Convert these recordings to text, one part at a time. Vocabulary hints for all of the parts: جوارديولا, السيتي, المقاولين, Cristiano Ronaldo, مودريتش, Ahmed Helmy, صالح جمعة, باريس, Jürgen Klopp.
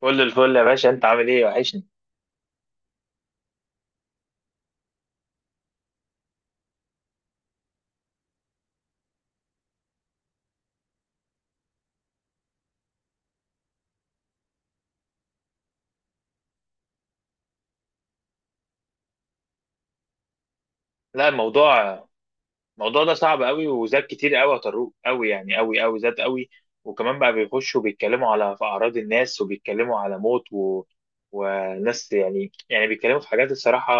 كل الفل يا باشا، انت عامل ايه؟ وحشني. لا الموضوع ده صعب قوي، وزاد كتير قوي يا طارق، قوي يعني، قوي قوي زاد قوي. وكمان بقى بيخشوا بيتكلموا على في اعراض الناس، وبيتكلموا على موت وناس يعني بيتكلموا في حاجات الصراحه،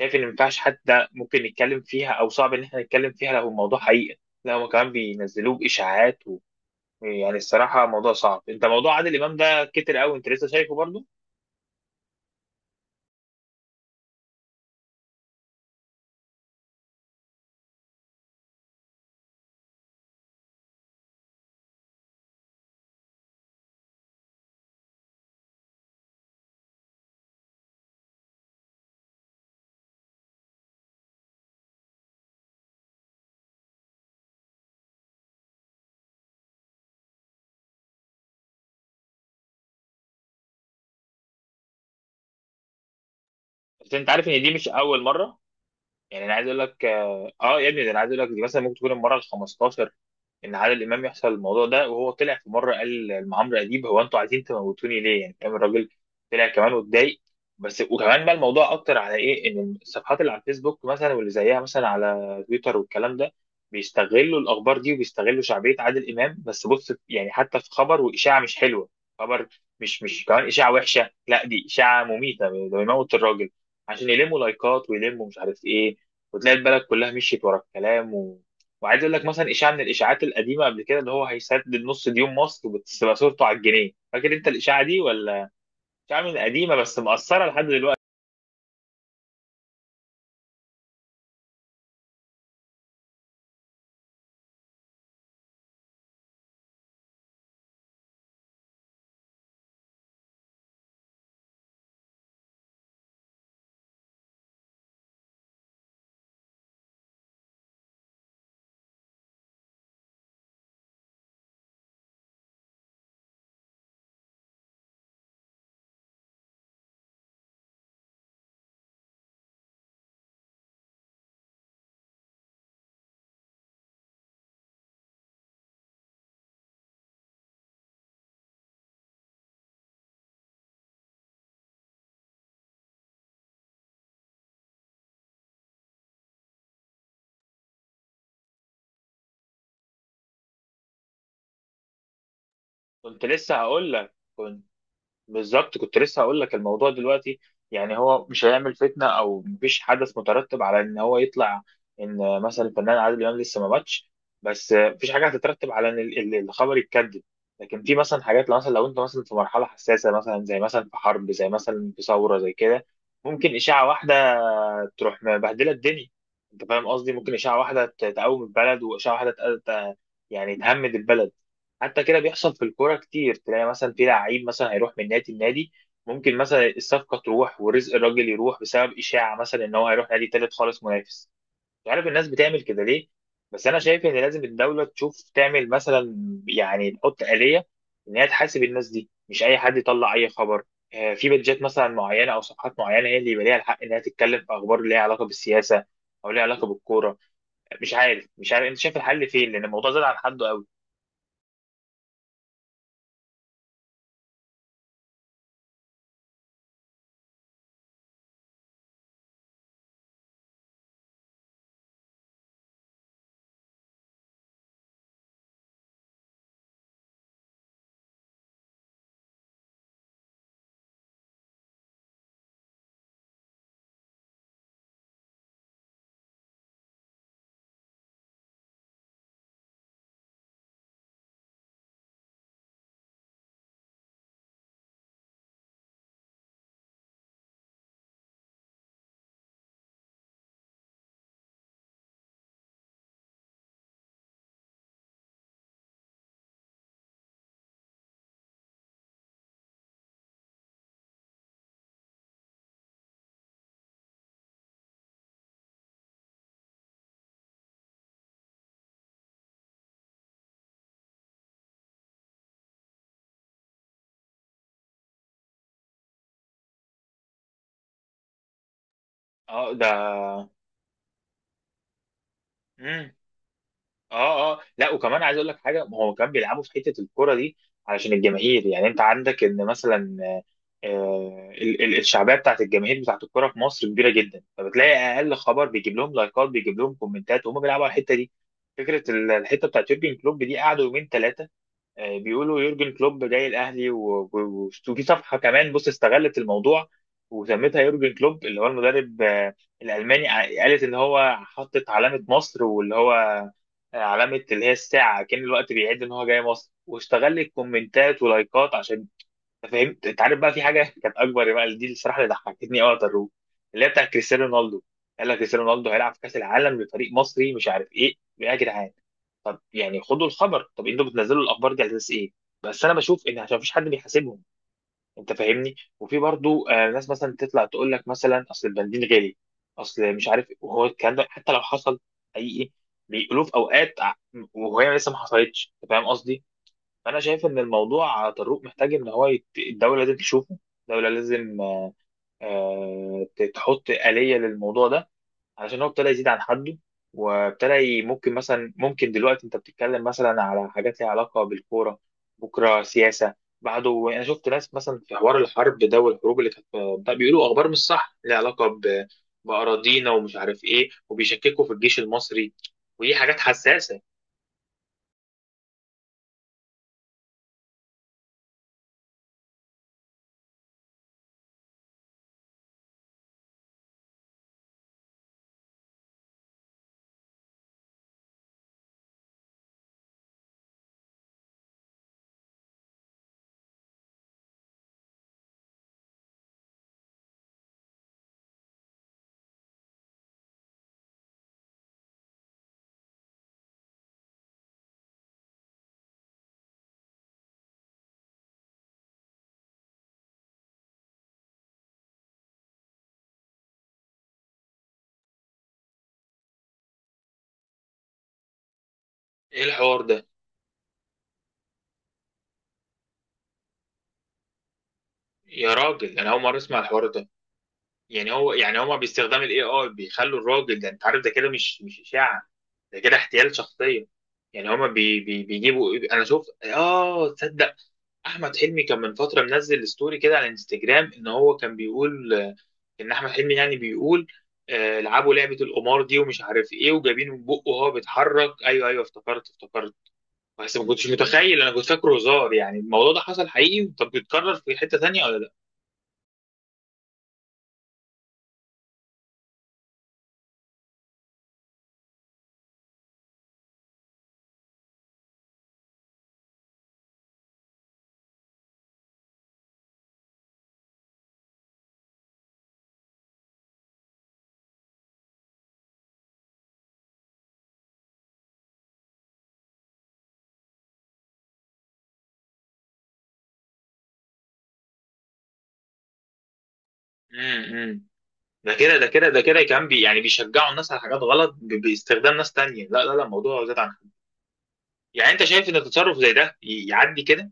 شايف ان ما ينفعش حتى ممكن نتكلم فيها، او صعب ان احنا نتكلم فيها لو الموضوع حقيقه. لا هم كمان بينزلوه باشاعات يعني الصراحه موضوع صعب. انت موضوع عادل امام ده كتر قوي، انت لسه شايفه برضه؟ بس انت عارف ان دي مش اول مره. يعني انا عايز اقول لك يا ابني، ده انا عايز اقول لك دي مثلا ممكن تكون المره ال 15 ان عادل امام يحصل الموضوع ده. وهو طلع في مره قال لعمرو اديب هو انتوا عايزين تموتوني ليه؟ يعني فاهم الراجل طلع كمان واتضايق. بس وكمان بقى الموضوع اكتر على ايه؟ ان الصفحات اللي على الفيسبوك مثلا، واللي زيها مثلا على تويتر، والكلام ده بيستغلوا الاخبار دي، وبيستغلوا شعبيه عادل امام. بس بص يعني حتى في خبر واشاعه مش حلوه، خبر مش كمان اشاعه وحشه، لا دي اشاعه مميته، ده بيموت الراجل عشان يلموا لايكات ويلموا مش عارف ايه. وتلاقي البلد كلها مشيت ورا الكلام وعايز اقول لك مثلا اشاعه من الاشاعات القديمه قبل كده، اللي هو هيسدد نص ديون مصر وبتبقى صورته على الجنيه، فاكر انت الاشاعه دي ولا؟ اشاعه من قديمه بس مأثره لحد دلوقتي. كنت لسه هقول لك بالظبط، كنت لسه هقول لك الموضوع دلوقتي يعني هو مش هيعمل فتنه او مفيش حدث مترتب على ان هو يطلع ان مثلا الفنان عادل امام لسه ما ماتش، بس مفيش حاجه هتترتب على ان الخبر يتكذب. لكن في مثلا حاجات، لو مثلا لو انت مثلا في مرحله حساسه، مثلا زي مثلا في حرب، زي مثلا في ثوره زي كده، ممكن اشاعه واحده تروح مبهدله الدنيا. انت فاهم قصدي؟ ممكن اشاعه واحده تقوم البلد، واشاعه واحده يعني تهمد البلد. حتى كده بيحصل في الكوره كتير، تلاقي مثلا في لعيب مثلا هيروح من نادي لنادي، ممكن مثلا الصفقه تروح ورزق الراجل يروح بسبب اشاعه مثلا ان هو هيروح نادي تالت خالص منافس. مش عارف الناس بتعمل كده ليه. بس انا شايف ان لازم الدوله تشوف تعمل مثلا، يعني تحط آلية ان هي تحاسب الناس دي، مش اي حد يطلع اي خبر. في بيدجات مثلا معينه او صفحات معينه هي اللي يبقى ليها الحق انها تتكلم في اخبار ليها علاقه بالسياسه او ليها علاقه بالكوره. مش عارف، انت شايف الحل فين؟ لان الموضوع زاد عن حده قوي. اه ده. مم. اه لا، وكمان عايز اقول لك حاجه، ما هو كان بيلعبوا في حته الكوره دي علشان الجماهير. يعني انت عندك ان مثلا الشعبيه بتاعت الجماهير بتاعت الكوره في مصر كبيره جدا، فبتلاقي اقل خبر بيجيب لهم لايكات بيجيب لهم كومنتات، وهم بيلعبوا على الحته دي. فكره الحته بتاعت يورجن كلوب دي قعدوا يومين ثلاثه بيقولوا يورجن كلوب جاي الاهلي، وفي صفحه كمان بص استغلت الموضوع وسميتها يورجن كلوب، اللي هو المدرب الالماني قالت ان هو حطت علامه مصر، واللي هو علامه اللي هي الساعه كان الوقت بيعد ان هو جاي مصر، واستغلت كومنتات ولايكات عشان فهمت. انت عارف بقى في حاجه كانت اكبر بقى، دي الصراحه اللي ضحكتني قوي على الروح، اللي هي بتاع كريستيانو رونالدو. قال لك كريستيانو رونالدو هيلعب في كاس العالم لفريق مصري مش عارف ايه يا جدعان. طب يعني خدوا الخبر، طب انتوا بتنزلوا الاخبار دي على اساس ايه؟ بس انا بشوف ان عشان مفيش حد بيحاسبهم. انت فاهمني؟ وفي برضو آه ناس مثلا تطلع تقول لك مثلا اصل البنزين غالي، اصل مش عارف إيه. وهو الكلام ده حتى لو حصل حقيقي، بيقولوه في اوقات وهي لسه ما حصلتش. انت فاهم قصدي؟ فانا شايف ان الموضوع طارق محتاج ان هو الدوله لازم تشوفه، الدوله لازم آه، تحط آلية للموضوع ده، عشان هو ابتدى يزيد عن حده. ممكن مثلا، ممكن دلوقتي انت بتتكلم مثلا على حاجات ليها علاقه بالكوره، بكره سياسه، بعده. انا شفت ناس مثلا في حوار الحرب ده، والحروب اللي كانت ده بيقولوا اخبار مش صح ليها علاقه باراضينا ومش عارف ايه، وبيشككوا في الجيش المصري، ودي حاجات حساسه. ايه الحوار ده؟ يا راجل انا اول مره اسمع الحوار ده. يعني هو يعني هما باستخدام الاي اي بيخلوا الراجل ده، انت عارف ده كده مش اشاعه، ده كده احتيال شخصيه. يعني هما بي بي بيجيبوا إيه، انا شفت. اه تصدق احمد حلمي كان من فتره منزل ستوري كده على انستجرام ان هو كان بيقول ان احمد حلمي يعني بيقول لعبوا لعبه القمار دي ومش عارف ايه، وجايبين من بقه وهو بيتحرك. ايوه ايوه، افتكرت افتكرت. بس ما كنتش متخيل، انا كنت فاكره هزار يعني. الموضوع ده حصل حقيقي؟ طب بيتكرر في حته تانيه ولا لا؟ امم ده كده، يا كمان يعني بيشجعوا الناس على حاجات غلط باستخدام ناس تانية. لا لا لا، الموضوع زاد عن حد. يعني انت شايف ان تصرف زي ده يعدي كده؟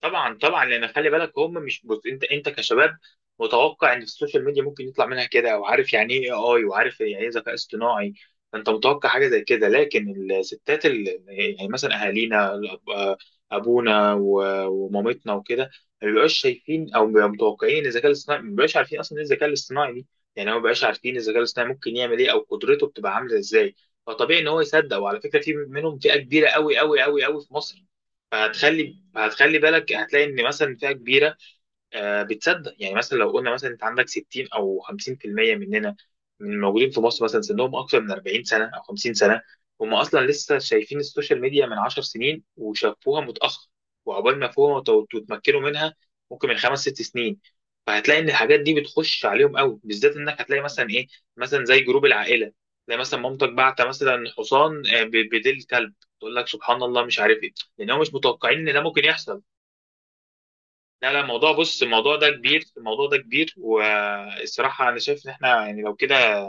طبعا طبعا، لان خلي بالك هم مش، بص انت، انت كشباب متوقع ان السوشيال ميديا ممكن يطلع منها كده، وعارف يعني ايه اي اي، وعارف يعني ايه ذكاء اصطناعي، فانت متوقع حاجه زي كده. لكن الستات يعني مثلا اهالينا ابونا ومامتنا وكده، ما بيبقاش شايفين او بيبقوا متوقعين الذكاء الاصطناعي، ما بيبقاش عارفين اصلا ايه الذكاء الاصطناعي دي. يعني هو ما بيبقاش عارفين الذكاء الاصطناعي ممكن يعمل ايه، او قدرته بتبقى عامله ازاي. فطبيعي ان هو يصدق. وعلى فكره في منهم فئه كبيره قوي قوي قوي قوي في مصر. هتخلي بالك هتلاقي ان مثلا فئه كبيره بتصدق. يعني مثلا لو قلنا مثلا انت عندك 60 او 50% مننا من الموجودين في مصر مثلا سنهم اكثر من 40 سنه او 50 سنه، هم اصلا لسه شايفين السوشيال ميديا من 10 سنين وشافوها متاخر، وعقبال ما فهموا وتمكنوا منها، ممكن من خمس ست سنين. فهتلاقي ان الحاجات دي بتخش عليهم قوي، بالذات انك هتلاقي مثلا ايه مثلا زي جروب العائله، تلاقي مثلا مامتك بعت مثلا حصان بديل كلب. تقول لك سبحان الله مش عارف ايه، لان هم مش متوقعين ان ده ممكن يحصل. لا لا الموضوع، بص الموضوع ده كبير، الموضوع ده كبير. والصراحة أنا شايف إن إحنا يعني لو كده،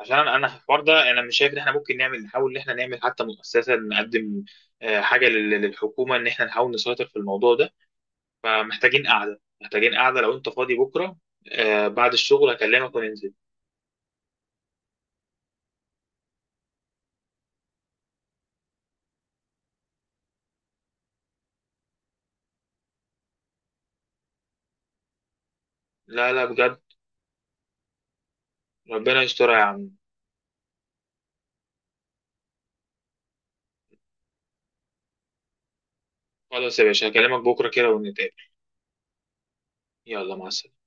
عشان أنا في الحوار ده، أنا مش شايف إن إحنا ممكن نعمل، نحاول إن إحنا نعمل حتى مؤسسة نقدم حاجة للحكومة، إن إحنا نحاول نسيطر في الموضوع ده. فمحتاجين قعدة، محتاجين قعدة. لو أنت فاضي بكرة بعد الشغل هكلمك وننزل. لا لا بجد. ربنا يسترها يا عم. خلاص يا باشا، هكلمك بكرة كده ونتقابل. يلا، مع السلامة.